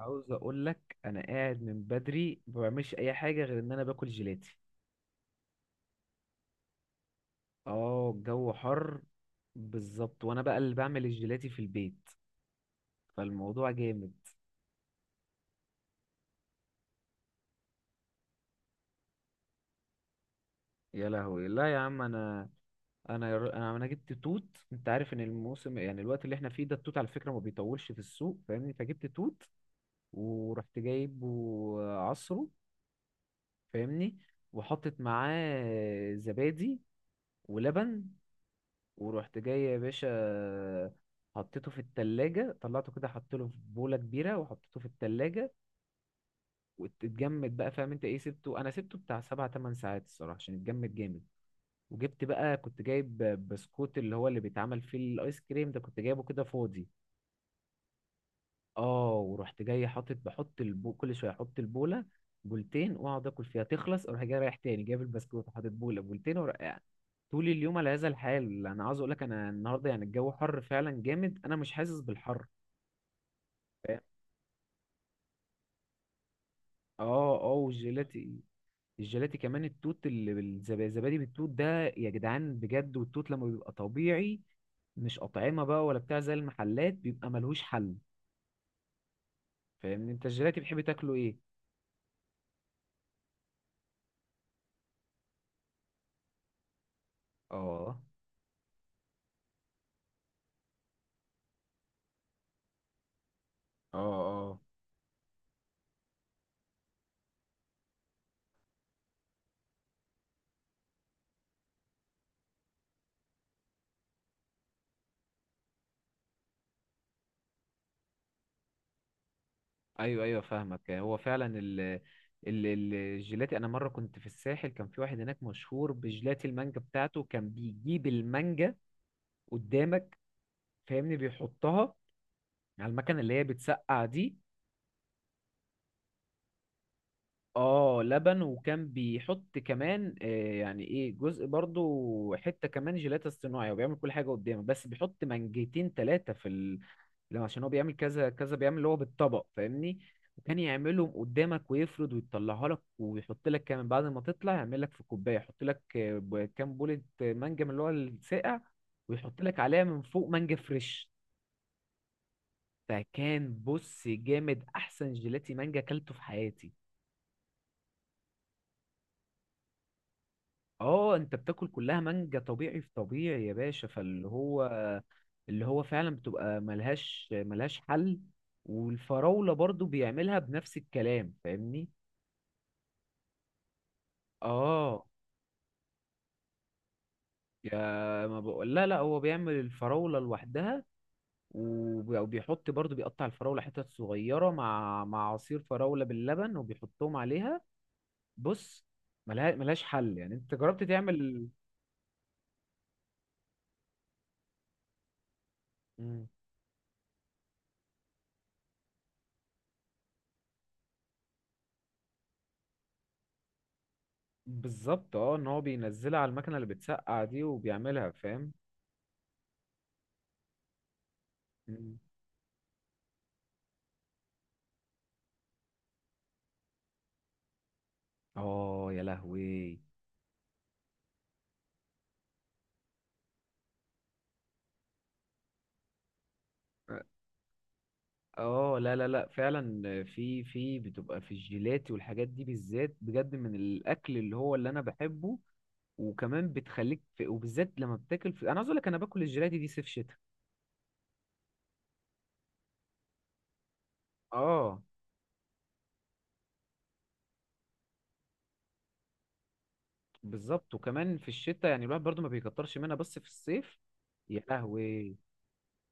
عاوز اقول لك انا قاعد من بدري، ما بعملش اي حاجه غير ان انا باكل جيلاتي. اه، الجو حر. بالظبط، وانا بقى اللي بعمل الجيلاتي في البيت، فالموضوع جامد. يا لهوي، لا يا عم. انا انا جبت توت. انت عارف ان الموسم، يعني الوقت اللي احنا فيه ده، التوت على فكره ما بيطولش في السوق، فاهمني؟ فجبت توت. ورحت جايب وعصره، فاهمني، وحطيت معاه زبادي ولبن. ورحت جاي يا باشا، حطيته في التلاجة، طلعته كده، حطيته في بولة كبيرة وحطيته في التلاجة. واتجمد بقى، فاهم انت ايه؟ سبته، انا سبته بتاع سبع تمن ساعات الصراحة عشان اتجمد جامد. وجبت بقى، كنت جايب بسكوت، اللي هو اللي بيتعمل فيه الايس كريم ده، كنت جايبه كده فاضي. اه، ورحت جاي حاطط بحط البو، كل شويه احط البوله، بولتين، واقعد اكل فيها، تخلص اروح جاي رايح تاني جايب البسكوت وحاطط بوله بولتين ورقع. طول اليوم على هذا الحال. انا عاوز اقول لك انا النهارده يعني الجو حر فعلا جامد، انا مش حاسس بالحر. فاهم؟ اه، اه، والجيلاتي الجيلاتي كمان التوت اللي الزبادي بالتوت ده، يا جدعان بجد، والتوت لما بيبقى طبيعي، مش أطعمة بقى ولا بتاع زي المحلات، بيبقى ملهوش حل. فاهمني، انت الجيلاتي بتحب تاكله ايه؟ اه، اه، اه. ايوه ايوه، فاهمك. هو فعلا الجيلاتي انا مره كنت في الساحل، كان في واحد هناك مشهور بجيلاتي المانجا بتاعته، كان بيجيب المانجا قدامك، فاهمني، بيحطها على المكنه اللي هي بتسقع دي. اه لبن، وكان بيحط كمان يعني ايه، جزء برضو حتة كمان جيلاتة صناعي، وبيعمل كل حاجة قدامه، بس بيحط منجتين ثلاثة في ال... لو عشان هو بيعمل كذا كذا، بيعمل اللي هو بالطبق، فاهمني. وكان يعملهم قدامك ويفرد ويطلعها لك، ويحط لك كمان بعد ما تطلع، يعمل لك في كوباية يحط لك كام بولة مانجا من اللي هو الساقع. ويحط لك عليها من فوق مانجا فريش. فكان، بص، جامد، احسن جيلاتي مانجا اكلته في حياتي. اه، انت بتاكل كلها مانجا طبيعي في طبيعي يا باشا، فاللي هو، اللي هو فعلا بتبقى ملهاش حل. والفراولة برضو بيعملها بنفس الكلام، فاهمني. اه، يا ما بقول. لا لا، هو بيعمل الفراولة لوحدها. وبيحط برضو، بيقطع الفراولة حتت صغيرة مع عصير فراولة باللبن، وبيحطهم عليها. بص، ملهاش حل، يعني انت جربت تعمل؟ مم. بالظبط، اه، ان هو بينزلها على المكنه اللي بتسقع دي وبيعملها، فاهم؟ مم. اه، يا لهوي، اه، لا لا لا، فعلا في بتبقى في الجيلاتي والحاجات دي بالذات بجد من الاكل اللي هو اللي انا بحبه. وكمان بتخليك في، وبالذات لما بتاكل في، انا عاوز اقول لك انا باكل الجيلاتي دي صيف شتاء. اه، بالظبط، وكمان في الشتاء يعني الواحد برضو ما بيكترش منها، بس في الصيف. يا لهوي،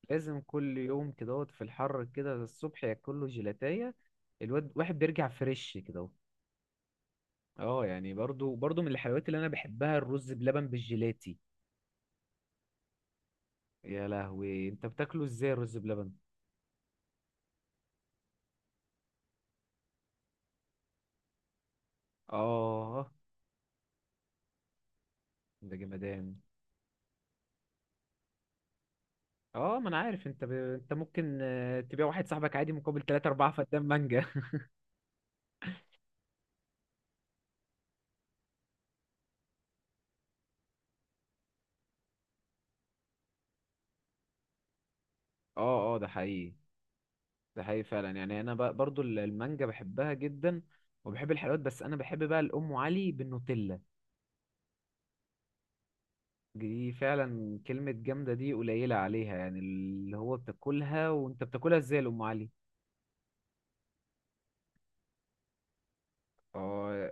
لازم كل يوم كده في الحر كده الصبح ياكل له جيلاتية، الواد واحد بيرجع فريش كده. اه، يعني برضو من الحلويات اللي انا بحبها الرز بلبن بالجيلاتي. يا لهوي، انت بتاكله ازاي الرز بلبن؟ اه، ده جمدان. اه، ما انا عارف، انت ب... انت ممكن تبيع واحد صاحبك عادي مقابل 3 4 فدان مانجا. اه، اه، ده حقيقي، ده حقيقي فعلا، يعني انا بقى برضو المانجا بحبها جدا. وبحب الحلويات، بس انا بحب بقى الام علي بالنوتيلا. دي فعلا كلمة جامدة، دي قليلة عليها يعني اللي هو بتاكلها، وانت بتاكلها ازاي يا ام علي؟ اه،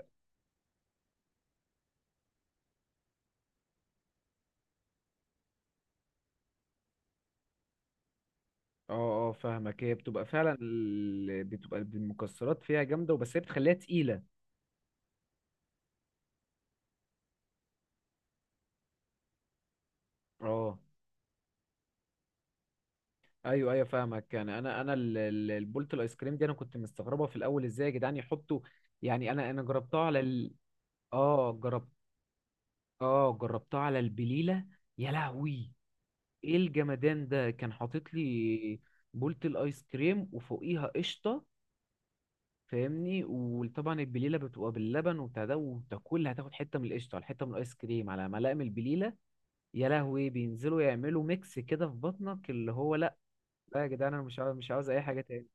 اه، اه، فاهمك، هي بتبقى فعلا بتبقى المكسرات فيها جامدة، وبس هي بتخليها تقيلة. اه، ايوه ايوه، فاهمك، يعني انا البولت الايس كريم دي انا كنت مستغربة في الاول ازاي يا جدعان يحطوا. يعني انا جربتها على ال... اه، جربت، اه، جربتها على البليلة. يا لهوي، ايه الجمدان ده؟ كان حاطط لي بولت الايس كريم وفوقيها قشطة. فاهمني، وطبعا البليله بتبقى باللبن وبتاع ده، وتاكل هتاخد حته من القشطه على حته من الايس كريم على ملقه من البليله. يا لهوي، بينزلوا يعملوا ميكس كده في بطنك اللي هو، لا لا يا جدعان، انا مش عاوز اي حاجه تاني.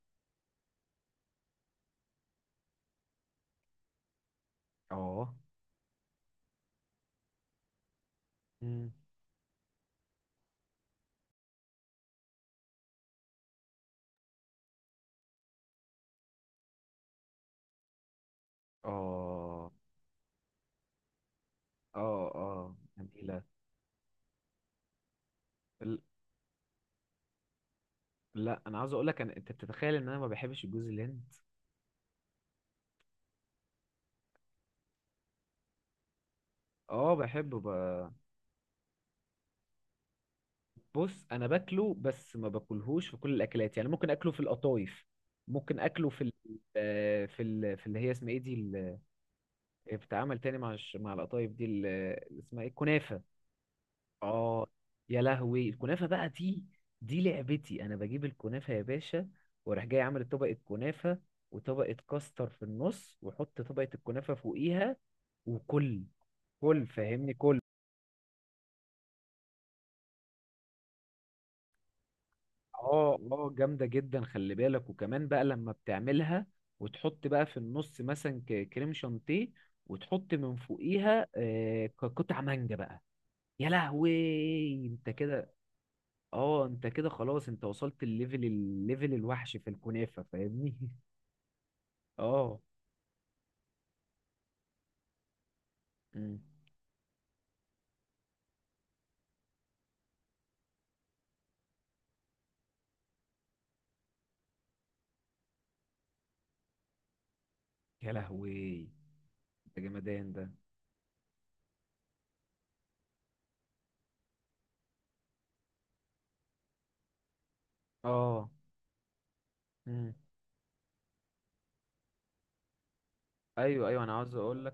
اه، مم. اه، اه، اه، جميله ال- لا، انا عاوز اقول لك انا، انت بتتخيل ان انا ما بحبش الجوز الهند. اه، بحبه ب... بص انا باكله بس ما باكلهوش في كل الاكلات، يعني ممكن اكله في القطايف. ممكن اكله في ال... في ال... في اللي هي اسمها ايه دي، بتتعامل تاني مع الش... مع القطايف دي اللي اسمها ايه، الكنافه. اه، يا لهوي، الكنافه بقى دي، دي لعبتي، انا بجيب الكنافه يا باشا. واروح جاي عامل طبقه كنافه، وطبقه كاستر في النص، واحط طبقه الكنافه فوقيها، وكل، كل فاهمني كل. اه، اه، جامده جدا خلي بالك. وكمان بقى لما بتعملها، وتحط بقى في النص مثلا كريم شانتيه، وتحط من فوقيها قطع مانجا بقى. يا لهوي، انت كده، اه، انت كده خلاص، انت وصلت الليفل الوحش في الكنافة، فاهمني. اه، مم. يا لهوي، انت جمدان ده. اه، مم. ايوه ايوه، انا عاوز اقول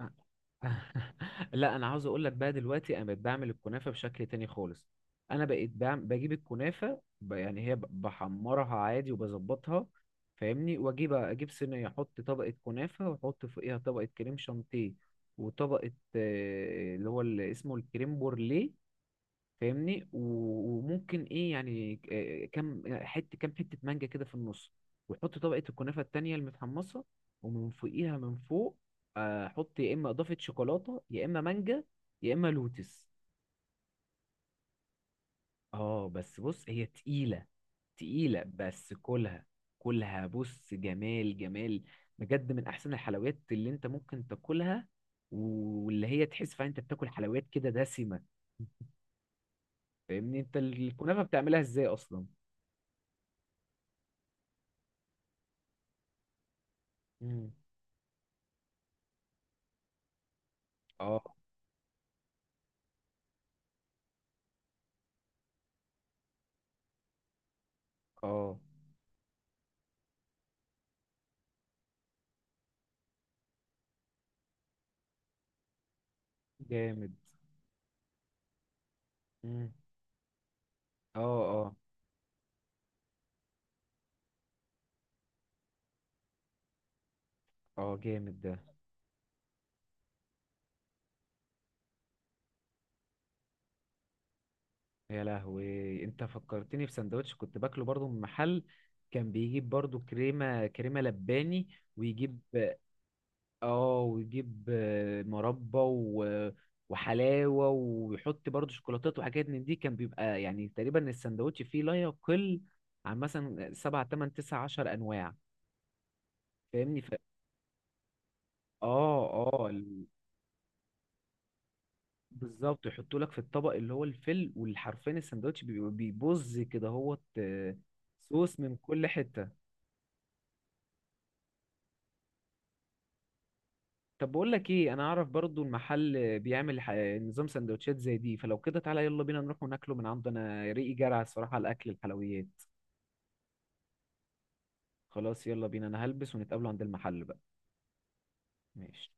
لك. لا، انا عاوز اقول لك بقى دلوقتي انا بقيت بعمل الكنافه بشكل تاني خالص. انا بقيت بعم... بجيب الكنافه ب... يعني هي بحمرها عادي وبظبطها. فاهمني، واجيب صينيه، احط طبقه كنافه، واحط فوقيها طبقه كريم شانتيه، وطبقه اللي هو اللي اسمه الكريم بورليه. فاهمني، و- وممكن ايه يعني، كام حته كام حته مانجا كده في النص، وحط طبقه الكنافه التانية المتحمصه، ومن فوقيها من فوق حط، يا اما اضافه شوكولاته يا اما مانجا يا اما لوتس. اه، بس بص هي تقيله، تقيله بس كلها، كلها بص، جمال جمال، بجد من احسن الحلويات اللي انت ممكن تاكلها، واللي هي تحس فعلا انت بتاكل حلويات كده دسمه. فاهمني، انت الكنافه بتعملها ازاي اصلا؟ مم. اه، اه، جامد. مم. اه، اه، اه، جامد ده. يا لهوي، انت فكرتني في سندوتش كنت باكله برضو من محل، كان بيجيب برضو كريمة لباني، ويجيب. اه، ويجيب مربى و... وحلاوة، ويحط برضو شوكولاتات وحاجات من دي، كان بيبقى يعني تقريبا السندوتش فيه لا يقل عن مثلا سبعة تمن 19 أنواع. فاهمني، ف... اه، اه، بالظبط، يحطوا لك في الطبق اللي هو الفل والحرفين، السندوتش بيبقى بيبظ كده هوت، صوص من كل حتة. طب بقول لك ايه؟ انا اعرف برضو المحل بيعمل نظام سندوتشات زي دي، فلو كده تعالى، يلا بينا نروح وناكله من عنده، انا ريقي جرى الصراحة على الاكل، الحلويات. خلاص يلا بينا، انا هلبس ونتقابلوا عند المحل بقى. ماشي.